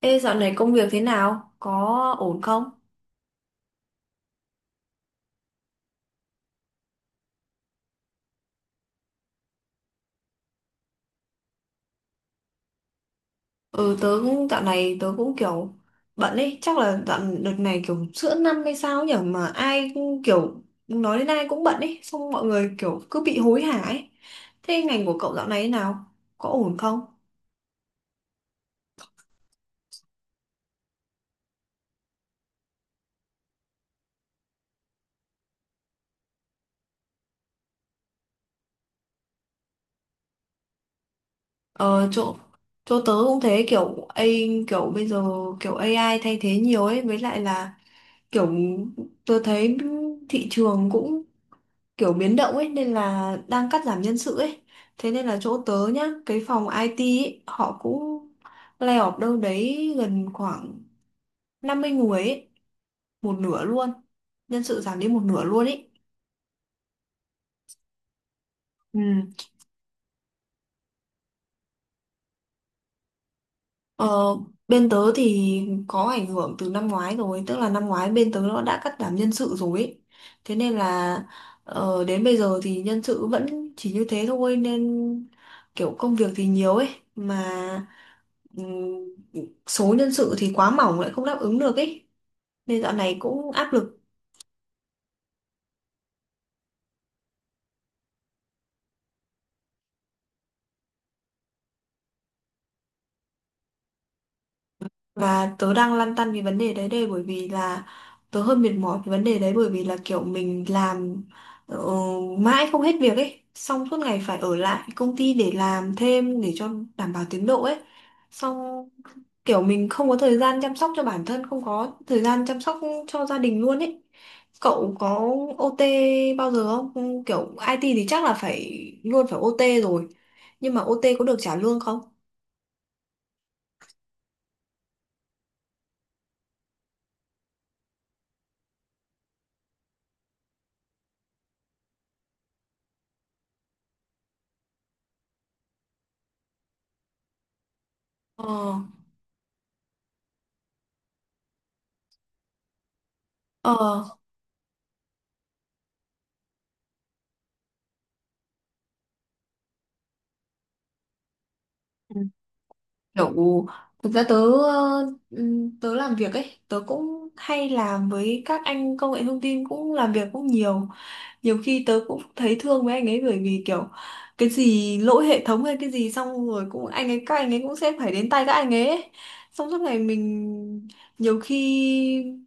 Ê, dạo này công việc thế nào? Có ổn không? Ừ, tớ cũng dạo này tớ cũng kiểu bận ấy, chắc là dạo đợt này kiểu giữa năm hay sao nhỉ mà ai cũng kiểu nói đến ai cũng bận ấy, xong mọi người kiểu cứ bị hối hả ấy. Thế ngành của cậu dạo này thế nào? Có ổn không? Ờ, chỗ chỗ tớ cũng thế kiểu bây giờ kiểu AI thay thế nhiều ấy, với lại là kiểu tớ thấy thị trường cũng kiểu biến động ấy nên là đang cắt giảm nhân sự ấy, thế nên là chỗ tớ nhá cái phòng IT ấy, họ cũng lay off đâu đấy gần khoảng 50 người ấy, một nửa luôn, nhân sự giảm đi một nửa luôn ấy. Ừ. Ờ, bên tớ thì có ảnh hưởng từ năm ngoái rồi, tức là năm ngoái bên tớ nó đã cắt giảm nhân sự rồi ấy. Thế nên là đến bây giờ thì nhân sự vẫn chỉ như thế thôi nên kiểu công việc thì nhiều ấy mà số nhân sự thì quá mỏng lại không đáp ứng được ấy. Nên dạo này cũng áp lực. Và tớ đang lăn tăn vì vấn đề đấy đây bởi vì là tớ hơi mệt mỏi vì vấn đề đấy bởi vì là kiểu mình làm ờ, mãi không hết việc ấy, xong suốt ngày phải ở lại công ty để làm thêm để cho đảm bảo tiến độ ấy. Xong kiểu mình không có thời gian chăm sóc cho bản thân, không có thời gian chăm sóc cho gia đình luôn ấy. Cậu có OT bao giờ không? Ừ, kiểu IT thì chắc là phải luôn phải OT rồi. Nhưng mà OT có được trả lương không? Ờ, ờ. Kiểu thực ra tớ làm việc ấy, tớ cũng hay làm với các anh công nghệ thông tin cũng làm việc cũng nhiều, nhiều khi tớ cũng thấy thương với anh ấy bởi vì kiểu cái gì lỗi hệ thống hay cái gì xong rồi cũng anh ấy các anh ấy cũng sẽ phải đến tay các anh ấy ấy. Xong suốt ngày mình nhiều khi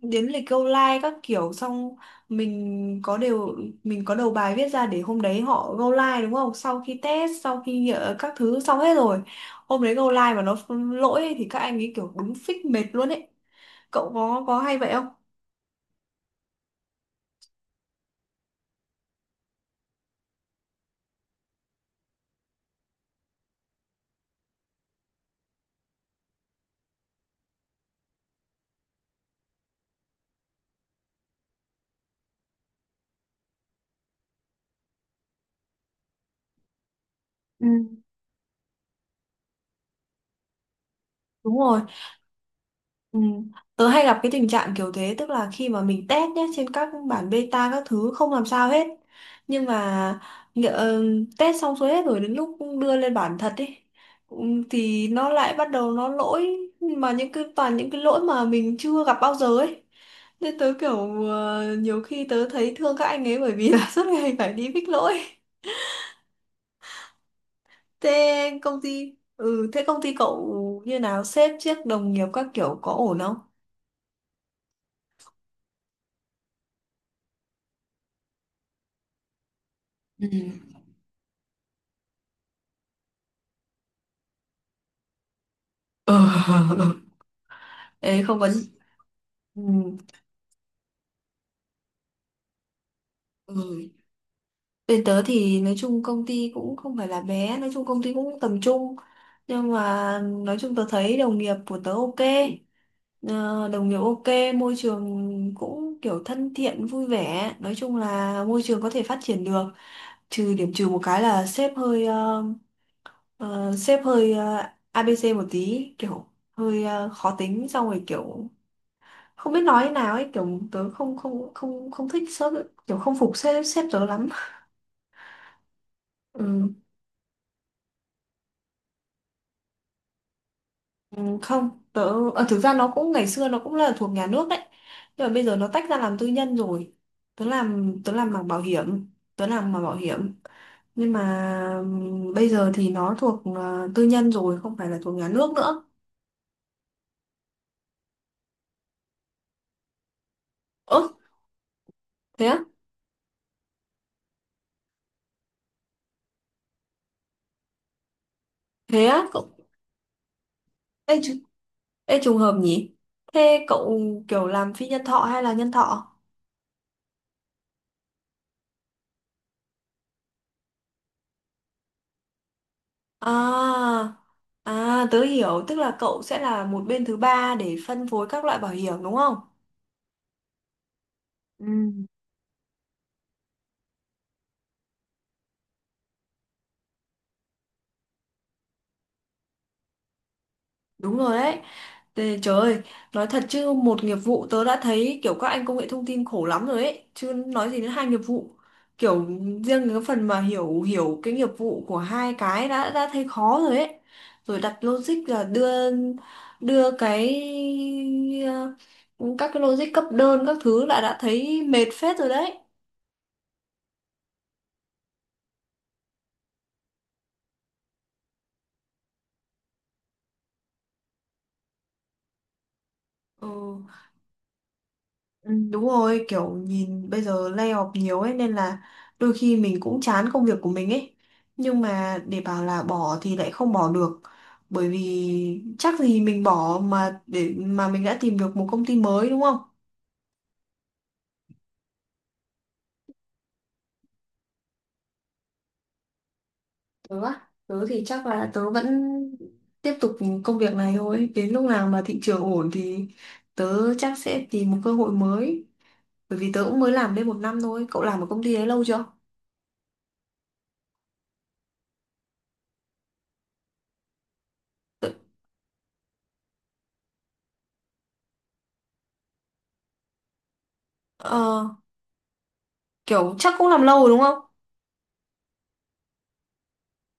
đến lịch câu like các kiểu, xong mình có đều mình có đầu bài viết ra để hôm đấy họ go live đúng không, sau khi test sau khi nhỡ các thứ xong hết rồi hôm đấy go live mà nó lỗi ấy thì các anh ấy kiểu đúng phích mệt luôn ấy. Cậu có hay vậy không? Ừ. Đúng rồi. Ừ. Tớ hay gặp cái tình trạng kiểu thế, tức là khi mà mình test nhé trên các bản beta các thứ không làm sao hết nhưng mà nhỡ- ờ, test xong xuôi hết rồi đến lúc đưa lên bản thật đi thì nó lại bắt đầu nó lỗi, mà những cái toàn những cái lỗi mà mình chưa gặp bao giờ ấy, nên tớ kiểu nhiều khi tớ thấy thương các anh ấy bởi vì là suốt ngày phải đi fix lỗi. Thế công ty cậu như nào, sếp trước đồng nghiệp các kiểu có ổn không? Ừ. Ờ, đấy không có ừ. Ừ. Bên tớ thì nói chung công ty cũng không phải là bé, nói chung công ty cũng tầm trung, nhưng mà nói chung tớ thấy đồng nghiệp của tớ ok. Ờ, đồng nghiệp ok, môi trường cũng kiểu thân thiện vui vẻ, nói chung là môi trường có thể phát triển được, trừ điểm trừ một cái là sếp hơi ABC một tí, kiểu hơi khó tính, xong rồi kiểu không biết nói thế nào ấy, kiểu tớ không không không không thích sếp, kiểu không phục sếp sếp tớ lắm. Ừ, ừ, không, tớ thực ra nó cũng ngày xưa nó cũng là thuộc nhà nước đấy, nhưng mà bây giờ nó tách ra làm tư nhân rồi. Tớ làm mảng bảo hiểm, tớ làm mảng bảo hiểm nhưng mà bây giờ thì nó thuộc tư nhân rồi, không phải là thuộc nhà nước nữa. Ơ, thế á, thế á cậu? ê, tr- Ê, trùng hợp nhỉ. Thế cậu kiểu làm phi nhân thọ hay là nhân thọ? À, à tớ hiểu, tức là cậu sẽ là một bên thứ ba để phân phối các loại bảo hiểm đúng không? Ừ. Đúng rồi đấy. Tê, trời ơi, nói thật chứ một nghiệp vụ tớ đã thấy kiểu các anh công nghệ thông tin khổ lắm rồi ấy, chứ nói gì đến hai nghiệp vụ. Kiểu riêng cái phần mà hiểu hiểu cái nghiệp vụ của hai cái đã thấy khó rồi ấy. Rồi đặt logic là đưa đưa các cái logic cấp đơn các thứ là đã thấy mệt phết rồi đấy. Ừ. Ừ, đúng rồi, kiểu nhìn bây giờ layoff nhiều ấy nên là đôi khi mình cũng chán công việc của mình ấy. Nhưng mà để bảo là bỏ thì lại không bỏ được. Bởi vì chắc gì mình bỏ mà để mà mình đã tìm được một công ty mới đúng không? Tớ á, tớ thì chắc là tớ vẫn tiếp tục công việc này thôi. Đến lúc nào mà thị trường ổn thì tớ chắc sẽ tìm một cơ hội mới. Bởi vì tớ cũng mới làm đây một năm thôi. Cậu làm ở công ty đấy lâu chưa? Ờ, kiểu chắc cũng làm lâu rồi đúng không?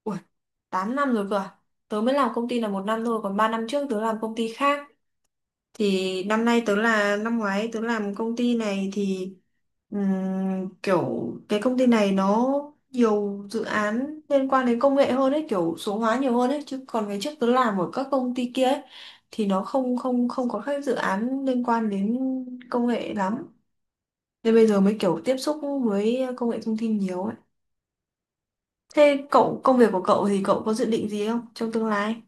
Ủa, 8 năm rồi cơ à? Tớ mới làm công ty là một năm thôi, còn 3 năm trước tớ làm công ty khác. Thì năm nay tớ là năm ngoái tớ làm công ty này thì kiểu cái công ty này nó nhiều dự án liên quan đến công nghệ hơn ấy, kiểu số hóa nhiều hơn ấy, chứ còn ngày trước tớ làm ở các công ty kia ấy thì nó không không không có các dự án liên quan đến công nghệ lắm. Nên bây giờ mới kiểu tiếp xúc với công nghệ thông tin nhiều ấy. Thế cậu công việc của cậu thì cậu có dự định gì không trong tương lai?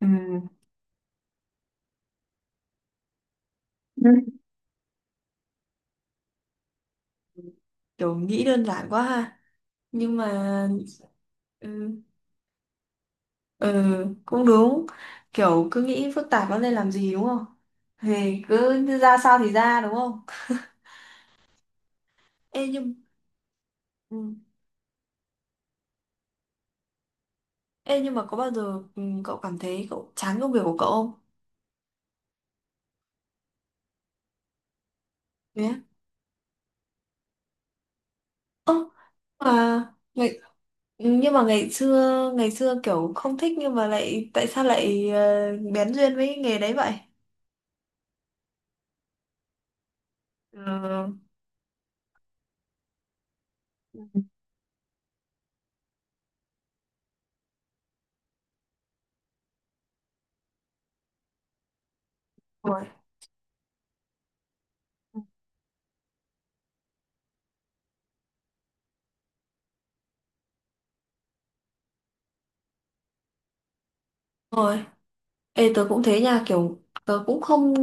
Ừ. Ừ. Kiểu nghĩ đơn giản quá ha. Nhưng mà ừ, ừ, cũng đúng. Kiểu cứ nghĩ phức tạp nó lên làm gì đúng không? Thì cứ ra sao thì ra đúng không? Ê nhưng ừ. Ê nhưng mà có bao giờ cậu cảm thấy cậu chán công việc của cậu không? Thế á? Ơ mà ngày ừ, nhưng mà ngày xưa kiểu không thích, nhưng mà lại tại sao lại bén duyên với nghề đấy vậy? Ừ. Rồi. Ê tớ cũng thế nha, kiểu tớ cũng không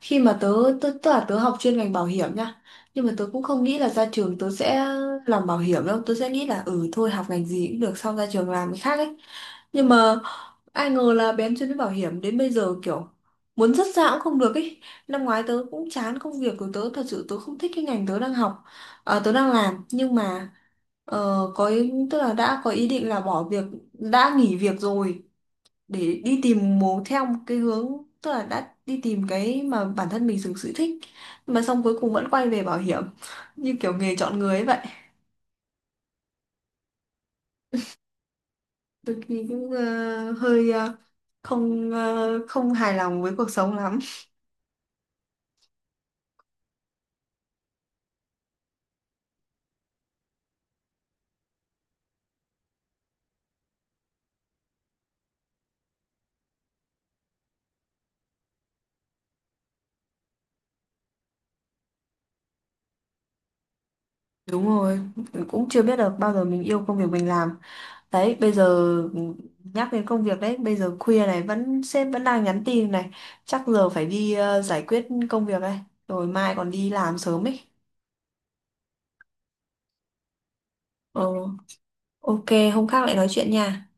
khi mà tớ tớ tức là tớ học chuyên ngành bảo hiểm nha, nhưng mà tớ cũng không nghĩ là ra trường tớ sẽ làm bảo hiểm đâu, tớ sẽ nghĩ là ừ thôi học ngành gì cũng được xong ra trường làm cái khác ấy, nhưng mà ai ngờ là bén chuyên đến bảo hiểm đến bây giờ kiểu muốn dứt ra cũng không được ấy. Năm ngoái tớ cũng chán công việc của tớ, thật sự tớ không thích cái ngành tớ đang học, à, tớ đang làm, nhưng mà ờ, có ý, tức là đã có ý định là bỏ việc, đã nghỉ việc rồi để đi tìm một theo một cái hướng, tức là đã đi tìm cái mà bản thân mình thực sự thích, mà xong cuối cùng vẫn quay về bảo hiểm như kiểu nghề chọn người ấy vậy. Tôi thì cũng hơi không hài lòng với cuộc sống lắm. Đúng rồi, cũng chưa biết được bao giờ mình yêu công việc mình làm đấy. Bây giờ nhắc đến công việc đấy, bây giờ khuya này vẫn sếp vẫn đang nhắn tin này, chắc giờ phải đi giải quyết công việc đây, rồi mai còn đi làm sớm ấy. Ờ, ok, hôm khác lại nói chuyện nha.